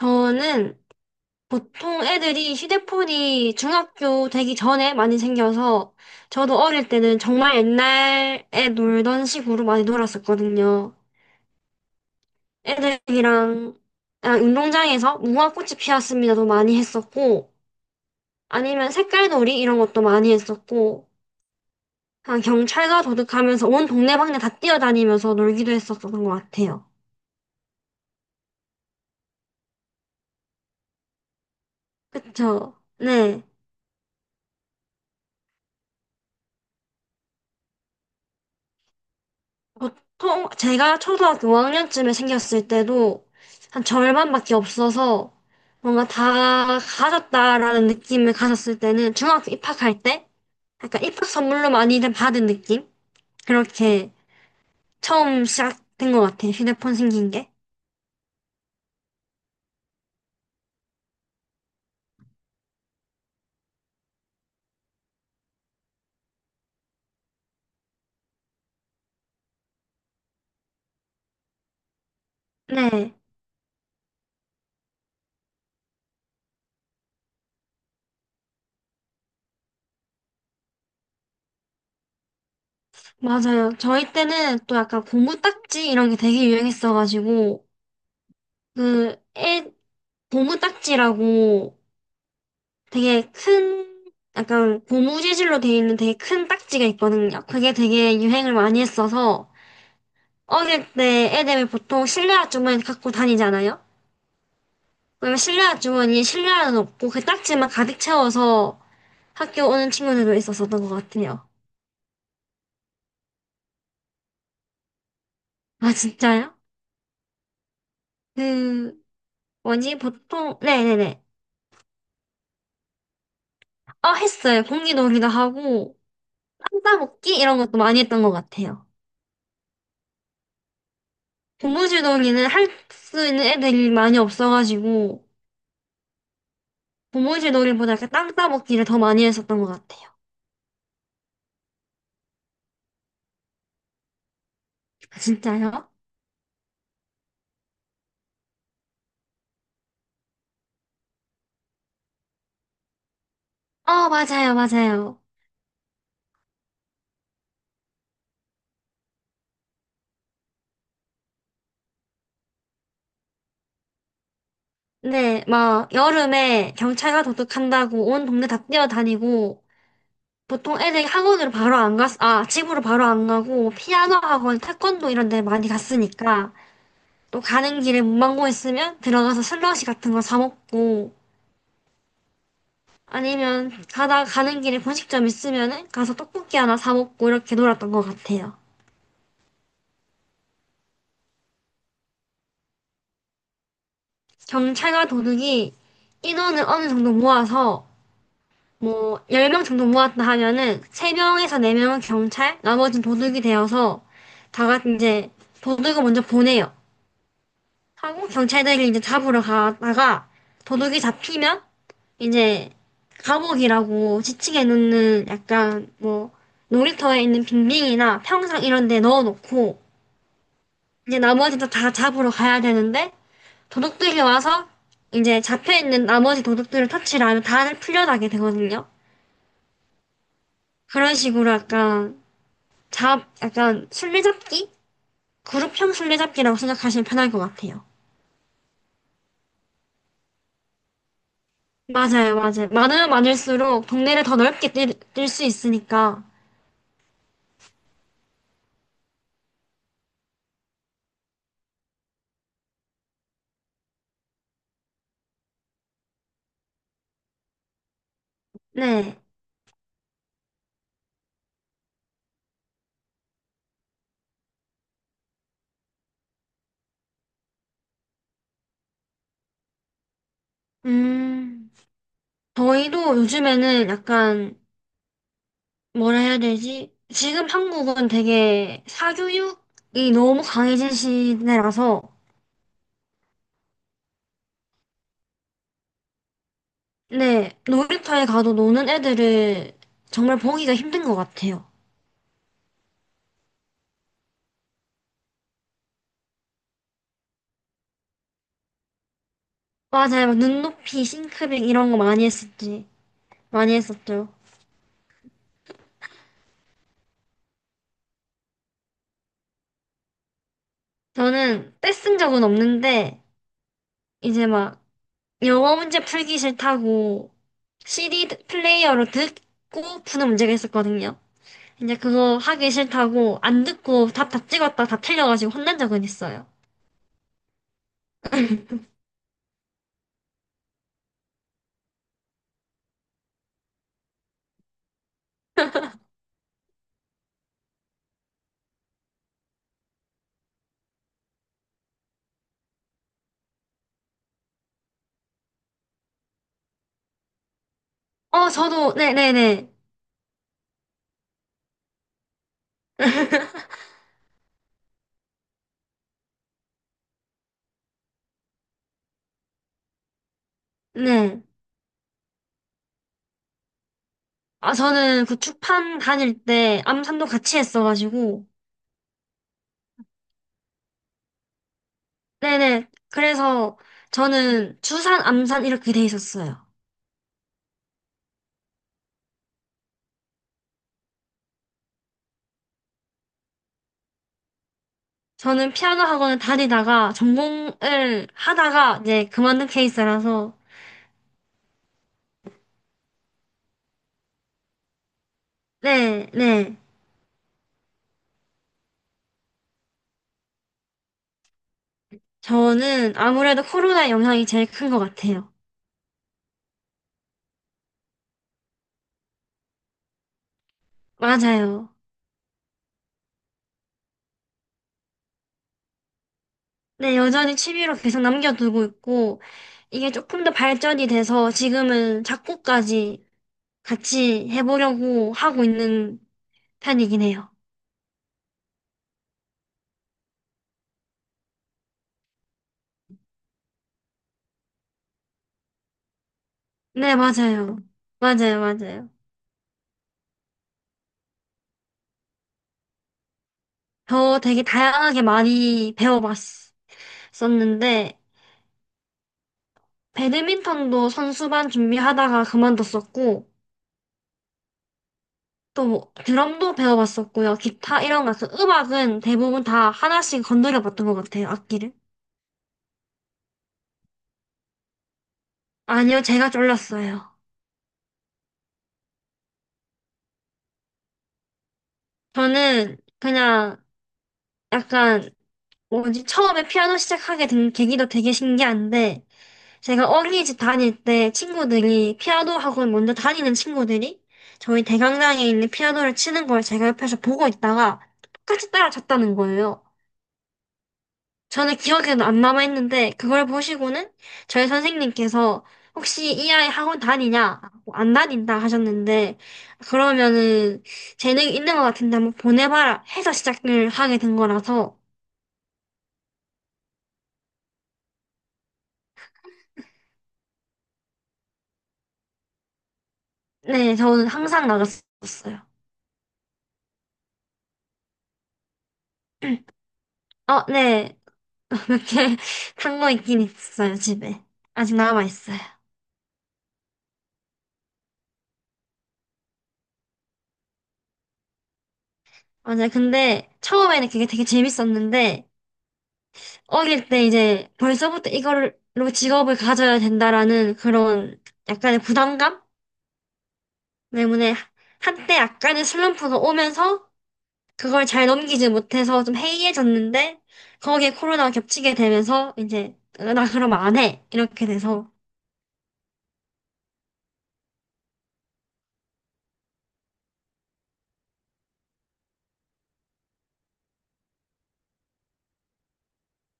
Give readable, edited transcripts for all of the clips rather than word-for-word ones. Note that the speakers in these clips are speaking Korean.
저는 보통 애들이 휴대폰이 중학교 되기 전에 많이 생겨서 저도 어릴 때는 정말 옛날에 놀던 식으로 많이 놀았었거든요. 애들이랑 그냥 운동장에서 무궁화꽃이 피었습니다도 많이 했었고, 아니면 색깔놀이 이런 것도 많이 했었고, 그냥 경찰과 도둑하면서 온 동네방네 다 뛰어다니면서 놀기도 했었던 것 같아요. 그쵸? 네. 보통 제가 초등학교 5학년쯤에 생겼을 때도 한 절반밖에 없어서 뭔가 다 가졌다라는 느낌을 가졌을 때는 중학교 입학할 때 약간 입학 선물로 많이들 받은 느낌? 그렇게 처음 시작된 것 같아요. 휴대폰 생긴 게. 네, 맞아요. 저희 때는 또 약간 고무딱지 이런 게 되게 유행했어가지고 그 애 고무딱지라고 되게 큰, 약간 고무 재질로 되어 있는 되게 큰 딱지가 있거든요. 그게 되게 유행을 많이 했어서 어릴 때 애들 보통 실내화 주머니 갖고 다니잖아요. 그러면 실내화 주머니에 실내화는 없고 그 딱지만 가득 채워서 학교 오는 친구들도 있었었던 것 같아요. 아, 진짜요? 그, 뭐지, 보통, 네네네. 어, 했어요. 공기 놀이도 하고, 땅 따먹기 이런 것도 많이 했던 것 같아요. 고무줄 놀이는 할 수 있는 애들이 많이 없어가지고, 고무줄 놀이보다 이렇게 땅 따먹기를 더 많이 했었던 것 같아요. 아, 진짜요? 어, 맞아요, 맞아요. 네, 막, 여름에 경찰과 도둑한다고 온 동네 다 뛰어다니고, 보통 애들이 학원으로 바로 안 갔, 아, 집으로 바로 안 가고, 피아노 학원, 태권도 이런 데 많이 갔으니까, 또 가는 길에 문방구 있으면 들어가서 슬러시 같은 거 사 먹고, 아니면 가다 가는 길에 분식점 있으면은 가서 떡볶이 하나 사 먹고 이렇게 놀았던 것 같아요. 경찰과 도둑이 인원을 어느 정도 모아서 뭐 10명 정도 모았다 하면은 3명에서 4명은 경찰, 나머지는 도둑이 되어서 다 같이 이제 도둑을 먼저 보내요. 하고 경찰들이 이제 잡으러 가다가 도둑이 잡히면 이제 감옥이라고 지치게 놓는 약간 뭐 놀이터에 있는 빙빙이나 평상 이런 데 넣어놓고 이제 나머지도 다 잡으러 가야 되는데 도둑들이 와서 이제 잡혀 있는 나머지 도둑들을 터치를 하면 다들 풀려나게 되거든요. 그런 식으로 약간 잡, 약간 술래잡기? 그룹형 술래잡기라고 생각하시면 편할 것 같아요. 맞아요, 맞아요. 많으면 많을수록 동네를 더 넓게 뛸 수 있으니까. 네. 음, 저희도 요즘에는 약간 뭐라 해야 되지? 지금 한국은 되게 사교육이 너무 강해진 시대라서 네, 놀이터에 가도 노는 애들을 정말 보기가 힘든 것 같아요. 맞아요. 막 눈높이, 싱크빙 이런 거 많이 했었지. 많이 했었죠. 저는 떼쓴 적은 없는데, 이제 막 영어 문제 풀기 싫다고 CD 플레이어로 듣고 푸는 문제가 있었거든요. 이제 그거 하기 싫다고 안 듣고 답 다 찍었다 다 틀려가지고 혼난 적은 있어요. 어, 저도, 네네네. 네. 네. 아, 저는 그 축판 다닐 때 암산도 같이 했어가지고. 네네. 그래서 저는 주산, 암산 이렇게 돼 있었어요. 저는 피아노 학원을 다니다가 전공을 하다가 이제 그만둔 케이스라서. 네, 네. 저는 아무래도 코로나 영향이 제일 큰 것 같아요. 맞아요. 네, 여전히 취미로 계속 남겨두고 있고, 이게 조금 더 발전이 돼서 지금은 작곡까지 같이 해보려고 하고 있는 편이긴 해요. 네, 맞아요. 맞아요, 맞아요. 저 되게 다양하게 많이 배워봤었는데, 배드민턴도 선수반 준비하다가 그만뒀었고, 또 뭐, 드럼도 배워봤었고요. 기타 이런 거, 그 음악은 대부분 다 하나씩 건드려봤던 것 같아요, 악기를. 아니요, 제가 졸랐어요. 저는 그냥 약간, 뭐지, 처음에 피아노 시작하게 된 계기도 되게 신기한데, 제가 어린이집 다닐 때 친구들이 피아노 학원 먼저 다니는 친구들이 저희 대강당에 있는 피아노를 치는 걸 제가 옆에서 보고 있다가 똑같이 따라쳤다는 거예요. 저는 기억에도 안 남아있는데 그걸 보시고는 저희 선생님께서 혹시 이 아이 학원 다니냐? 뭐안 다닌다 하셨는데 그러면은 재능이 있는 것 같은데 한번 보내봐라 해서 시작을 하게 된 거라서 네, 저는 항상 나갔었어요. 어, 네. 이렇게 산 거 있긴 있어요, 집에. 아직 남아있어요. 맞아요. 근데 처음에는 그게 되게 재밌었는데, 어릴 때 이제 벌써부터 이걸로 직업을 가져야 된다라는 그런 약간의 부담감 때문에 한때 약간의 슬럼프가 오면서 그걸 잘 넘기지 못해서 좀 해이해졌는데, 거기에 코로나가 겹치게 되면서 이제 나 그러면 안 해. 이렇게 돼서.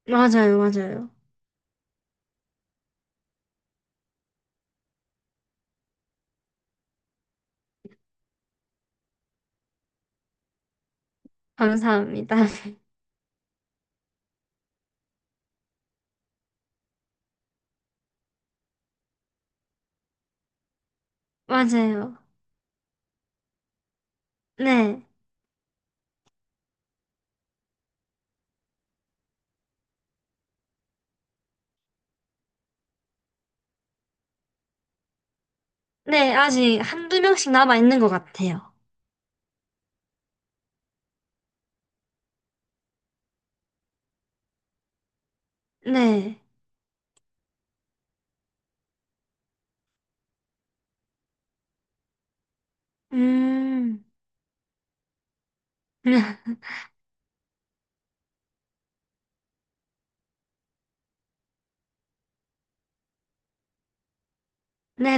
맞아요, 맞아요. 감사합니다. 맞아요. 네. 네, 아직 한두 명씩 남아 있는 것 같아요. 네. 음. 네.